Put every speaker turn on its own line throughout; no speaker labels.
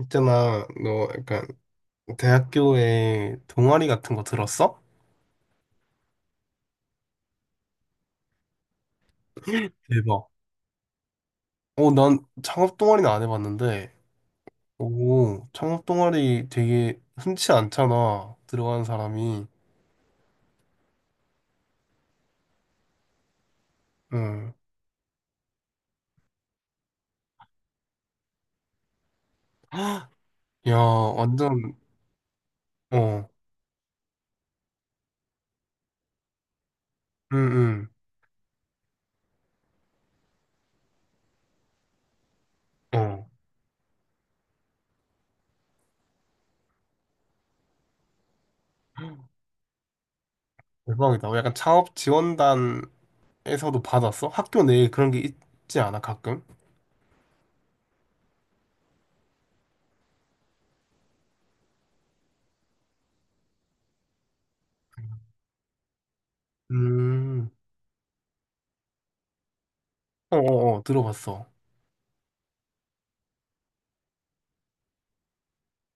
있잖아, 너 약간 대학교에 동아리 같은 거 들었어? 대박. 어, 난 창업 동아리는 안 해봤는데, 오, 창업 동아리 되게 흔치 않잖아, 들어가는 사람이. 응. 헉, 야, 완전, 어, 응, 응, 어. 대박이다. 어, 약간 창업 지원단에서도 받았어? 학교 내에 그런 게 있지 않아, 가끔? 음, 어, 어, 어, 들어봤어.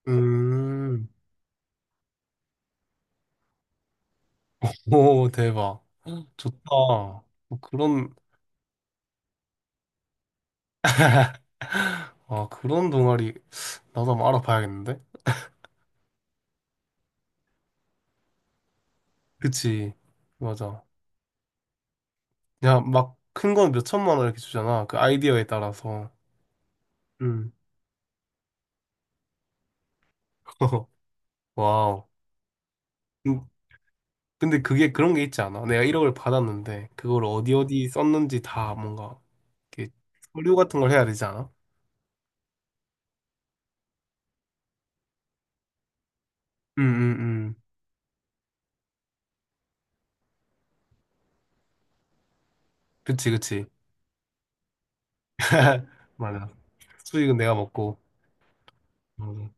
음. 오, 대박. 좋다. 뭐 그런, 아, 그런 동아리 나도 한번 알아봐야겠는데? 그치. 맞아. 야, 막 큰 건 몇 천만 원 이렇게 주잖아. 그 아이디어에 따라서. 음. 와우. 음, 근데 그게 그런 게 있지 않아? 내가 1억을 받았는데, 그걸 어디 어디 썼는지 다 뭔가, 이렇게 서류 같은 걸 해야 되지 않아? 음, 음, 음. 그치, 그치. 맞아. 수익은 내가 먹고. 음.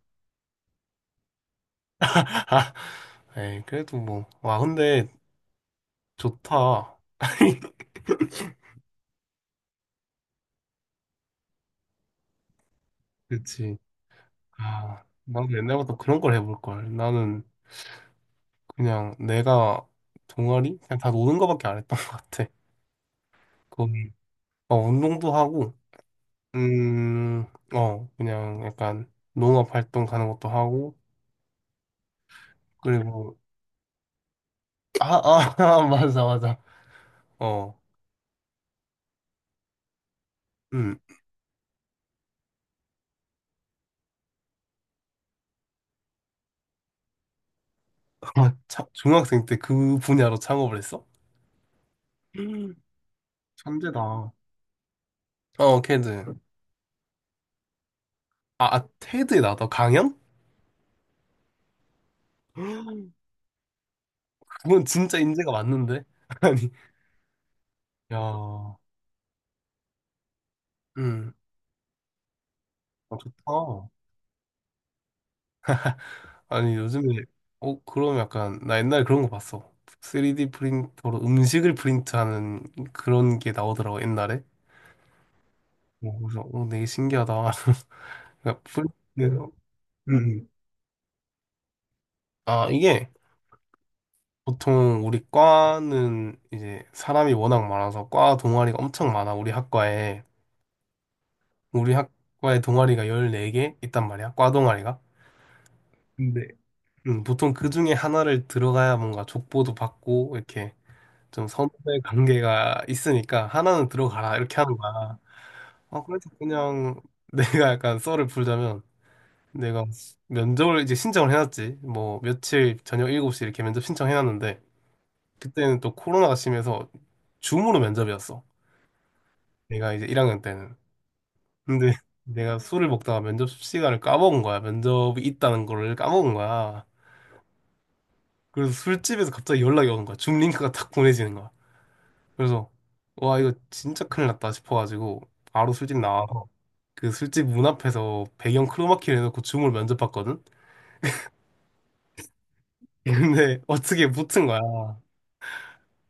아, 에이, 그래도 뭐. 와, 근데 좋다. 그치. 아, 나도 옛날부터 그런 걸 해볼 걸. 나는 그냥 내가 동아리? 그냥 다 노는 거밖에 안 했던 것 같아. 거기, 어, 운동도 하고, 음, 어, 그냥 약간 농업 활동 가는 것도 하고, 그리고, 아, 아, 아, 맞아, 맞아. 어, 음, 아, 참, 중학생 때 그 분야로 창업을 했어? 음, 천재다. 어, 캐드. 아, 아, 테드에 나왔다. 강연? 그건 진짜 인재가 맞는데? 아니, 야, 음, 아, 좋다. 아니, 요즘에, 어, 그럼 약간, 나 옛날에 그런 거 봤어. 3D 프린터로 음식을 프린트하는 그런 게 나오더라고, 옛날에. 어, 그래서, 어, 되게 신기하다. 그러니까 프린트, 음. 음. 아, 이게, 보통 우리 과는 이제 사람이 워낙 많아서 과 동아리가 엄청 많아, 우리 학과에. 우리 학과에 동아리가 14개 있단 말이야, 과 동아리가. 근데 보통 그 중에 하나를 들어가야 뭔가 족보도 받고 이렇게 좀 선후배 관계가 있으니까 하나는 들어가라 이렇게 하는 거야. 아, 그래서 그냥 내가 약간 썰을 풀자면 내가 면접을 이제 신청을 해놨지. 뭐 며칠 저녁 7시 이렇게 면접 신청해놨는데 그때는 또 코로나가 심해서 줌으로 면접이었어. 내가 이제 1학년 때는. 근데 내가 술을 먹다가 면접 시간을 까먹은 거야. 면접이 있다는 거를 까먹은 거야. 그래서 술집에서 갑자기 연락이 오는 거야. 줌 링크가 탁 보내지는 거야. 그래서 와 이거 진짜 큰일 났다 싶어가지고 바로 술집 나와서 그 술집 문 앞에서 배경 크로마키를 해놓고 줌을 면접봤거든. 근데 어떻게 붙은 거야.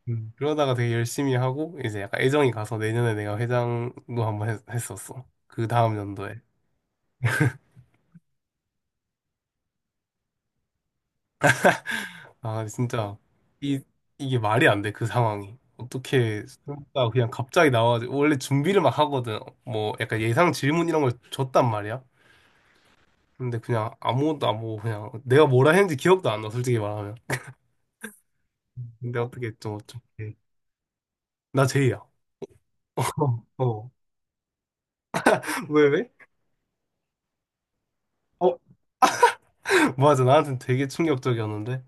음. 그러다가 되게 열심히 하고 이제 약간 애정이 가서 내년에 내가 회장도 한번 했었어. 그 다음 연도에. 아 진짜 이 이게 말이 안 돼 그 상황이. 어떻게 술집가 그냥 갑자기 나와가지고 원래 준비를 막 하거든. 뭐 약간 예상 질문 이런 걸 줬단 말이야. 근데 그냥 아무것도 안 보고 그냥 내가 뭐라 했는지 기억도 안 나, 솔직히 말하면. 근데 어떻게 이렇게. 나 제이야. 어, 왜, 왜? 어, 맞아. 나한테는 되게 충격적이었는데.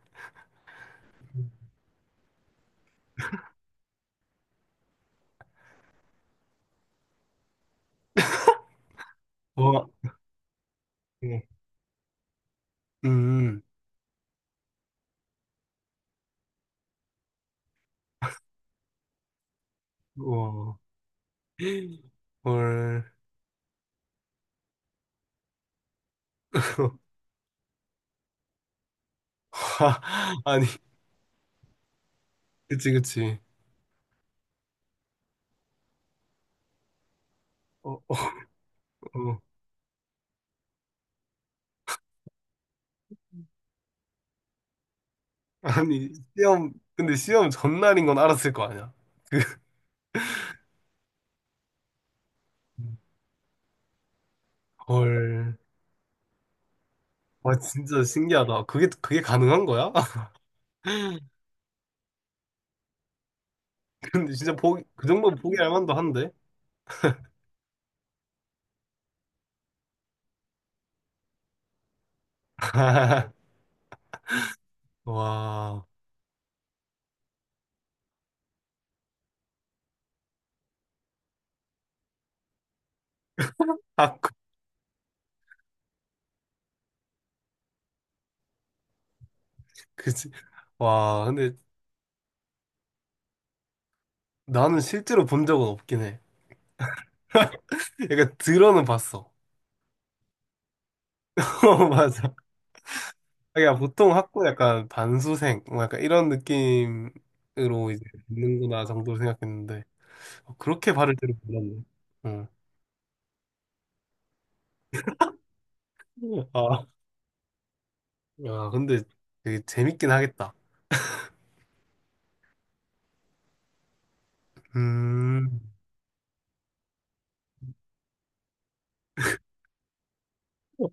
와, 예. 음, 와, 헐. 아니, 그치, 그치. 어, 어, 어. 아니, 시험, 근데 시험 전날인 건 알았을 거 아니야. 그, 헐. 와, 진짜 신기하다. 그게, 그게 가능한 거야? 근데 진짜 보기 그 정도면 포기할 만도 한데. 와. 아, 그, 그지. 와, 근데 나는 실제로 본 적은 없긴 해. 약간 들어는 봤어. 어, 맞아. 그러니까 보통 학교 약간 반수생, 뭐 약간 이런 느낌으로 이제 있는구나 정도로 생각했는데, 어, 그렇게 바를 줄은 몰랐네. 응. 아, 야, 근데 되게 재밌긴 하겠다. 음,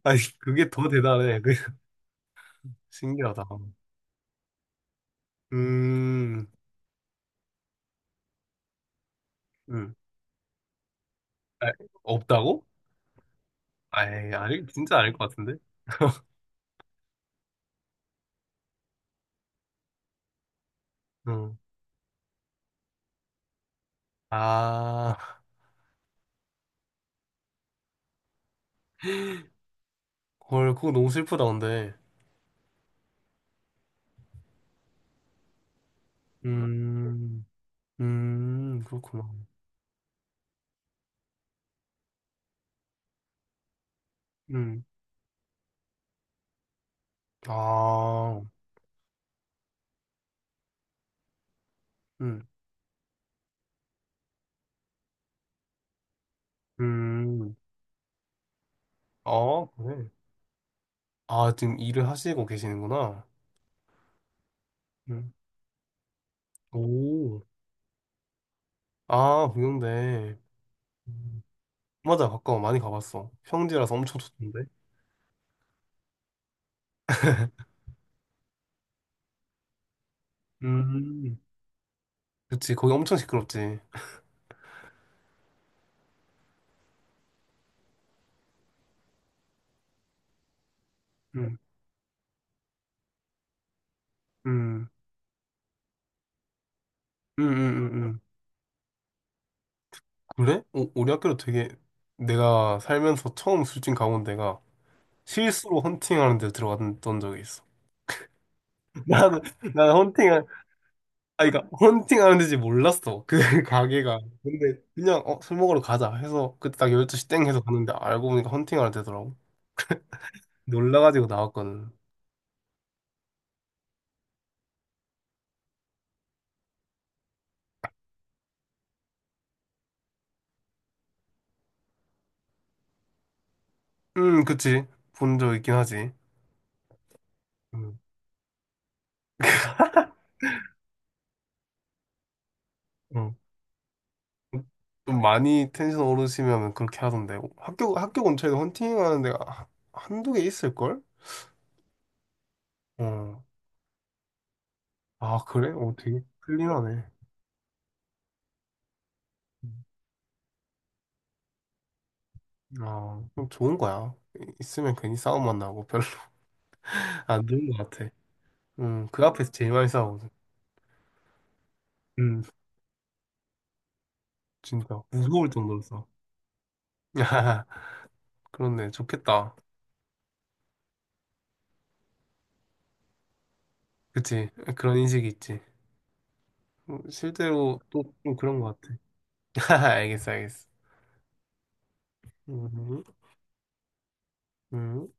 아니, 그게 더 대단해. 그- 신기하다. 음, 음. 아, 없다고? 아이, 아니, 진짜 아닐 것 같은데? 응. 아, 헐, 그거 너무 슬프다, 근데. 음, 그렇구나. 음, 아, 음, 음, 아, 그래. 아, 지금 일을 하시고 계시는구나. 음, 오, 아, 동양대. 음, 맞아, 가까워. 많이 가봤어. 평지라서 엄청 좋던데. 음, 그치, 거기 엄청 시끄럽지. 음, 음, 음, 음, 음. 그래? 어, 우리 학교도 되게 내가 살면서 처음 술집 가본 데가 실수로 헌팅하는 데 들어갔던 적이 있어. 나는 헌팅 아 그러니까 헌팅하는 데지 몰랐어. 그 가게가. 근데 그냥 어, 술 먹으러 가자 해서 그때 딱 12시 땡 해서 갔는데 알고 보니까 헌팅하는 데더라고. 놀라가지고 나왔거든. 그치. 본 적 있긴 하지. 음, 음. 좀 많이 텐션 오르시면 그렇게 하던데 학교 근처에도 헌팅하는 데가 한두 개 있을걸? 어. 아, 그래? 어, 되게 클린하네. 음. 아, 그럼 좋은 거야. 이- 있으면 괜히 싸움만 나고 별로 안 좋은 거 같아. 그 앞에서 제일 많이 싸우거든. 음, 진짜 무서울 정도로 싸워. 그렇네, 좋겠다. 그치? 그런 인식이 있지. 실제로 또 좀 그런 거 같아. 알겠어, 알겠어. 음, 음.